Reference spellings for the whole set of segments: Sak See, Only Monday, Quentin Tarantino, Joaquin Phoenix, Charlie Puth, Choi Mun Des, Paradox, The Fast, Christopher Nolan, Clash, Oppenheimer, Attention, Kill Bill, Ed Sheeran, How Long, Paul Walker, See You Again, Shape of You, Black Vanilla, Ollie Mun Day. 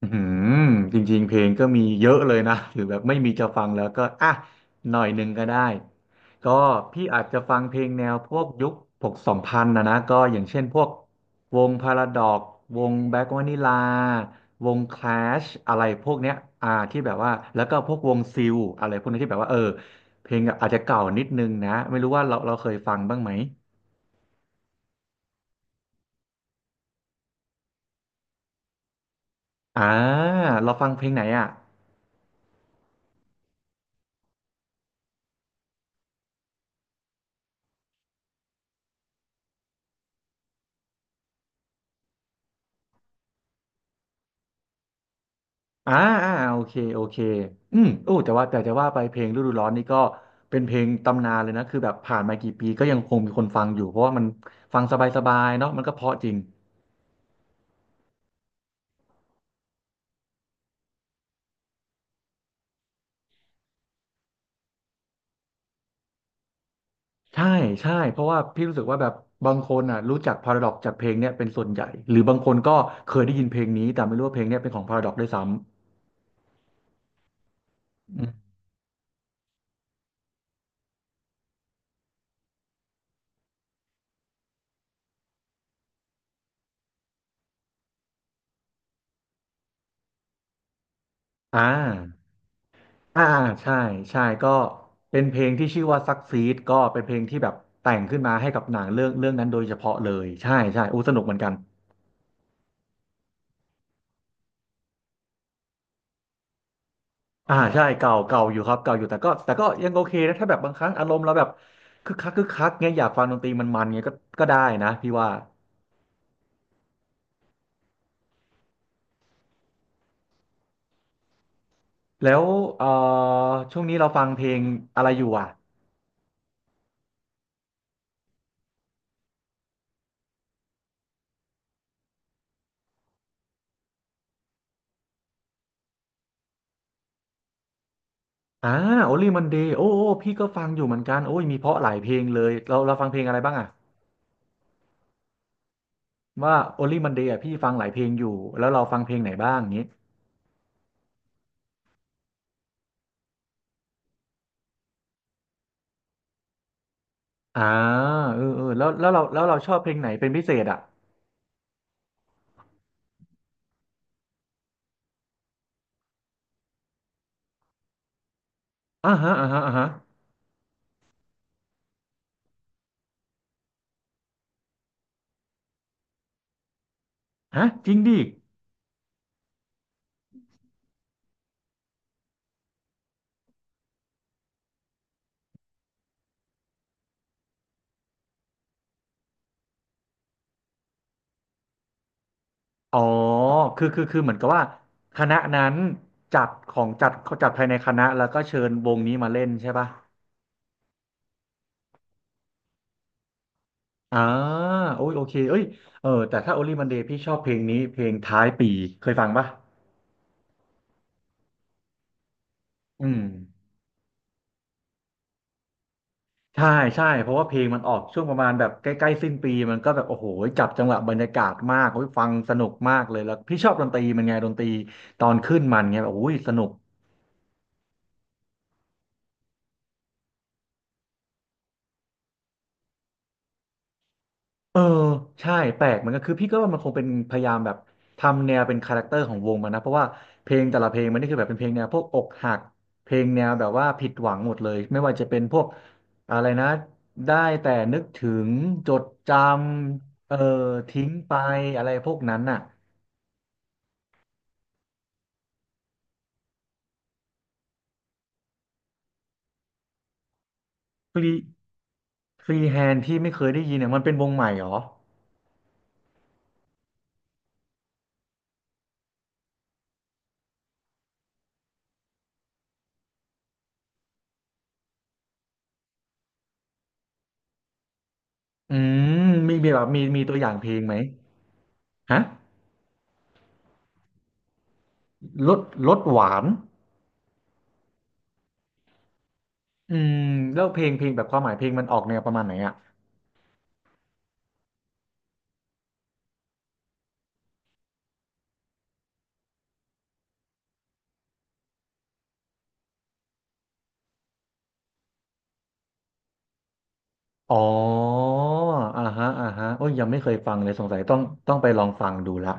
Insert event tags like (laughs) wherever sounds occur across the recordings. อืมจริงๆ เพลงก็มีเยอะเลยนะหรือแบบไม่มีจะฟังแล้วก็อ่ะหน่อยหนึ่งก็ได้ก็พี่อาจจะฟังเพลงแนวพวกยุคหกสองพันนะก็อย่างเช่นพวกวงพาราดอกวงแบล็กวานิลาวงคลาชอะไรพวกเนี้ยที่แบบว่าแล้วก็พวกวงซิลอะไรพวกนี้ที่แบบว่าเพลงอาจจะเก่านิดนึงนะไม่รู้ว่าเราเคยฟังบ้างไหมอ่าเราฟังเพลงไหนอ่ะ อ่าอ่าโอเคโอเคโอ้แต่จะว่าไปเพลงฤดูร้อนนี่ก็เป็นเพลงตำนานเลยนะคือแบบผ่านมากี่ปีก็ยังคงมีคนฟังอยู่เพราะว่ามันฟังสบายๆเนาะมันก็เพราะจริงใช่ใช่เพราะว่าพี่รู้สึกว่าแบบบางคนอ่ะรู้จักพาราดอกจากเพลงเนี้ยเป็นส่วนใหญ่หรือบางคนก็เคยได้ยินเพลงนี้แต่ไม่รู้ว่าเพลงเนี้ยเป็นของพาราดอกด้วยซ้ำอืมอ่าอ่าใช่ใช่ก็เป็นเพลงที่ชื่อว่าซักซีดก็เป็นเพลงที่แบบแต่งขึ้นมาให้กับหนังเรื่องเรื่องนั้นโดยเฉพาะเลยใช่ใช่อู้สนุกเหมือนกัน อ่าใช่เก่าเก่าอยู่ครับเก่าอยู่แต่ก็ยังโอเคนะถ้าแบบบางครั้งอารมณ์เราแบบคึกคักคึกคักเงี้ยอยากฟังดนตรีมันเงี้ยก็ได้นะพี่ว่าแล้วเอ่อช่วงนี้เราฟังเพลงอะไรอยู่อ่ะอ่าโอลี่มันเดย์โอ้โอ้พี่ก็ฟังอยู่เหมือนกันโอ้ยมีเพราะหลายเพลงเลยเราฟังเพลงอะไรบ้างอ่ะว่าโอลี่มันเดย์อ่ะพี่ฟังหลายเพลงอยู่แล้วเราฟังเพลงไหนบ้างอย่างงี้อ่าเออเออแล้วเราชอบเพลงไหนเป็นพิเศษอ่ะอ่าฮะอ่าฮะอ่าฮะฮะจริงดิ อ๋อ คือเหมือนกับว่าคณะนั้นจัดของจัดภายในคณะแล้วก็เชิญวงนี้มาเล่นใช่ป่ะอ่าโอ้ยโอเคเอ้ยเออแต่ถ้า Only Monday พี่ชอบเพลงนี้เพลงท้ายปีเคยฟังป่ะอืมใช่ใช่เพราะว่าเพลงมันออกช่วงประมาณแบบใกล้ๆสิ้นปีมันก็แบบโอ้โหจับจังหวะบรรยากาศมากโอ้ยฟังสนุกมากเลย แล้วพี่ชอบดนตรีมันไงดนตรีตอนขึ้นมันไงแบบโอ้ยสนุก เออใช่แปลกเหมือนกันคือพี่ก็ว่ามันคงเป็นพยายามแบบทำแนวเป็นคาแรคเตอร์ของวงมันนะเพราะว่าเพลงแต่ละเพลงมันนี่คือแบบเป็นเพลงแนวพวกอกหักเพลงแนวแบบว่าผิดหวังหมดเลยไม่ว่าจะเป็นพวกอะไรนะได้แต่นึกถึงจดจำเออทิ้งไปอะไรพวกนั้นน่ะฟรีฟรีแฮนที่ไม่เคยได้ยินเนี่ยมันเป็นวงใหม่เหรออืมมีแบบมีตัวอย่างเพลงไหมฮะรสรสหวานอืมแล้วเพลงแบบความหมายเพลงมันออกแนวประมาณไหนอ่ะ อ๋ออ่าฮะอ่าฮะโอ้ยยังไม่เคยฟังเลยสงสัยต้องไปลองฟังดูละ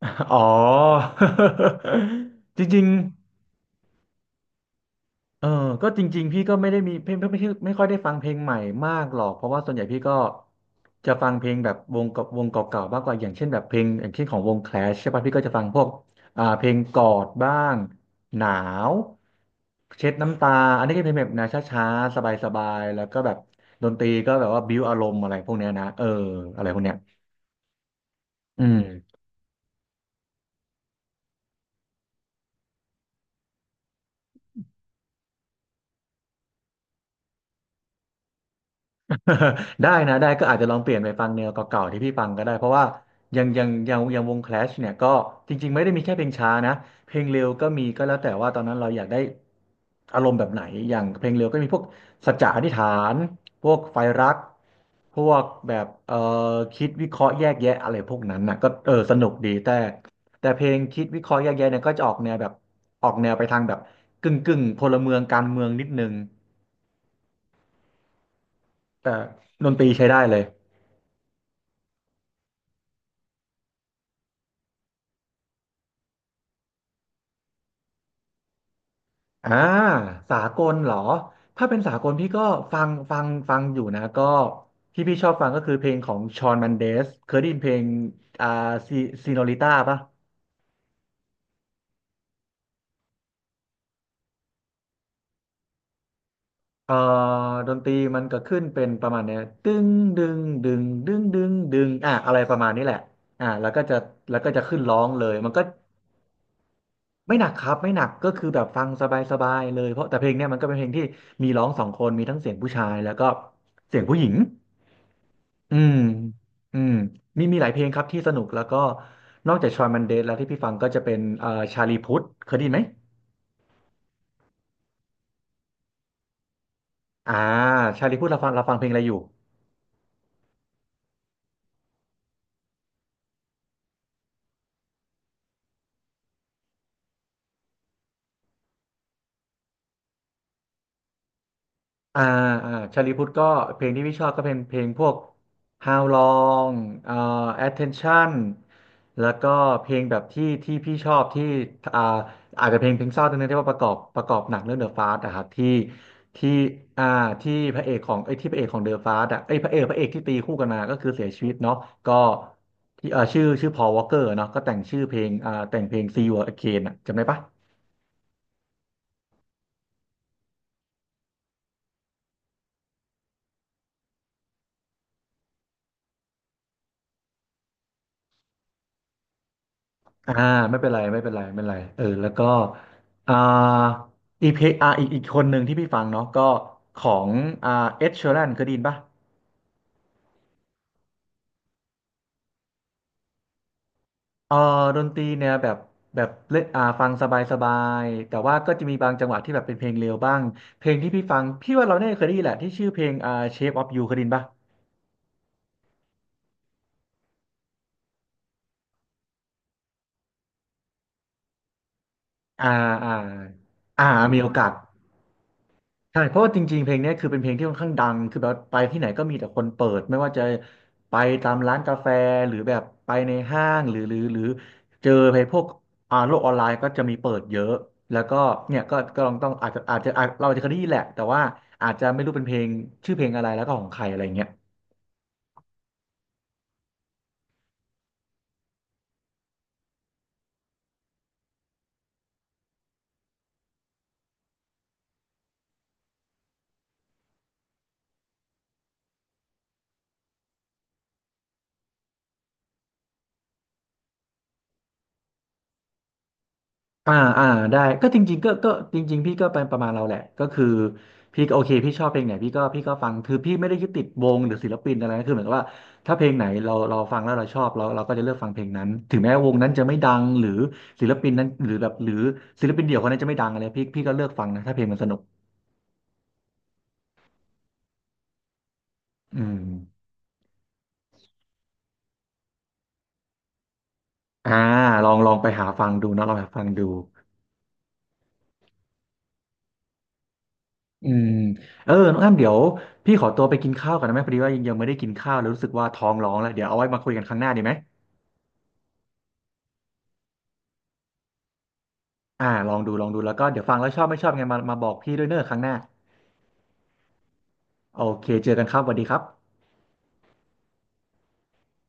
(laughs) อ๋อ (laughs) จริง เออก็จริงๆพี่ก็ไม่ได้มีเพลงไม่ค่อยได้ฟังเพลงใหม่มากหรอก เพราะว่าส่วนใหญ่พี่ก็จะฟังเพลงแบบวงกับวงเก่าๆมากกว่าอย่างเช่นแบบเพลงอย่างเช่นของวงแคลชใช่ป่ะพี่ก็จะฟังพวกเพลงกอดบ้างหนาวเช็ดน้ำตา อันนี้ก็เป็นแบบแนวช้าๆสบายๆ แล้วก็แบบดนตรีก็แบบว่าบิ้วอารมณ์อะไรพวกเนี้ยนะเอออะไรพวกเนี้ยอืม (laughs) ได้นะได้ก็อาจจะลองเปลี่ยนไปฟังแนวเก่าๆที่พี่ฟังก็ได้เพราะว่ายังวง Clash เนี่ยก็จริงๆไม่ได้มีแค่เพลงช้านะเพลงเร็วก็มีก็แล้วแต่ว่าตอนนั้นเราอยากได้อารมณ์แบบไหนอย่างเพลงเร็วก็มีพวกสัจจะอธิษฐานพวกไฟรักพวกแบบคิดวิเคราะห์แยกแยะอะไรพวกนั้นนะก็เออสนุกดีแต่เพลงคิดวิเคราะห์แยกแยะเนี่ยก็จะออกแนวแบบออกแนวไปทางแบบกึ่งกึ่งพลเมืองการเมืองนิดนึงแต่ดนตรีใช้ได้เลย อ่าสากลเหรอถ้าเป็นสากลพี่ก็ฟังอยู่นะก็ที่พี่ชอบฟังก็คือเพลงของชอนมันเดสเคยได้ยินเพลงอ่าซีซีโนริต้าปะเอ่อดนตรีมันก็ขึ้นเป็นประมาณเนี้ยตึ้งดึงอ่ะอะไรประมาณนี้แหละอ่าแล้วก็จะแล้วก็จะขึ้นร้องเลยมันก็ไม่หนักครับไม่หนักก็คือแบบฟังสบายๆเลยเพราะแต่เพลงเนี้ยมันก็เป็นเพลงที่มีร้องสองคนมีทั้งเสียงผู้ชายแล้วก็เสียงผู้หญิง อืมอืมมีหลายเพลงครับที่สนุกแล้วก็นอกจากชอยมันเดสแล้วที่พี่ฟังก็จะเป็นชาลีพุทธเคยได้ยินไหมอ่าชาลีพุทธเราฟังเราเพลงอะไรอยู่ อ่าอ่าชาลีพุทธก็เพลงที่พี่ชอบก็เป็นเพลงพวก How Long เอ่อ Attention แล้วก็เพลงแบบที่พี่ชอบที่อ่าอาจจะเพลงเศร้าตรงนั้นที่ว่าประกอบหนังเรื่อง The Fast อะครับที่ที่อ่าที่พระเอกของไอ้ยที่พระเอกของ The Fast อะไอ้ยพระเอกที่ตีคู่กันมาก็คือเสียชีวิตเนาะก็ที่ชื่อ Paul Walker เนาะก็แต่งชื่อเพลงแต่งเพลง See You Again อะจำได้ปะ อ่าไม่เป็นไรไม่เป็นไรไม่เป็นไรเออแล้วก็อ่าอีพีอีกคนหนึ่งที่พี่ฟังเนาะก็ของอ่าเอ็ดชีแรนเคยได้ยินปะเออดนตรีเนี่ยแบบแบบเล่นฟังสบายสบายแต่ว่าก็จะมีบางจังหวะที่แบบเป็นเพลงเร็วบ้างเพลงที่พี่ฟังพี่ว่าเราเนี่ยเคยได้ยินแหละที่ชื่อเพลงShape of You เคยได้ยินปะอ่าอ่าอ่ามีโอกาส ใช่เพราะว่าจริงๆเพลงเนี้ยคือเป็นเพลงที่ค่อนข้างดังคือแบบไปที่ไหนก็มีแต่คนเปิดไม่ว่าจะไปตามร้านกาแฟหรือแบบไปในห้างหรือเจอไปพวกโลกออนไลน์ก็จะมีเปิดเยอะแล้วก็เนี่ยก็ก็ลองต้องอาจจะอาจจะอาจเราอาจจะเคยได้ยินแหละแต่ว่าอาจจะไม่รู้เป็นเพลงชื่อเพลงอะไรแล้วก็ของใครอะไรเงี้ย อ่าอ่าได้ก็จริงๆก็จริงๆพี่ก็เป็นประมาณเราแหละก็คือพี่ก็โอเคพี่ชอบเพลงไหนพี่ก็ฟังคือพี่ไม่ได้ยึดติดวงหรือศิลปินอะไรนะคือเหมือนกับว่าถ้าเพลงไหนเราฟังแล้วเราชอบเราก็จะเลือกฟังเพลงนั้นถึงแม้วงนั้นจะไม่ดังหรือศิลปินนั้นหรือแบบหรือศิลปินเดี่ยวคนนั้นจะไม่ดังอะไรพี่ก็เลือกฟังนะถ้าเพลงมันสนุกอืมอ่าลองลองไปหาฟังดูเนอะลองหาฟังดูอืมเออน้องอ้ำเดี๋ยวพี่ขอตัวไปกินข้าวก่อนนะแม่พอดีว่ายังไม่ได้กินข้าวเลยรู้สึกว่าท้องร้องแล้วเดี๋ยวเอาไว้มาคุยกันครั้งหน้าดีไหม ลองดูลองดูแล้วก็เดี๋ยวฟังแล้วชอบไม่ชอบไงมาบอกพี่ด้วยเนอะครั้งหน้าโอเคเจอกันครับสวัสดีครับ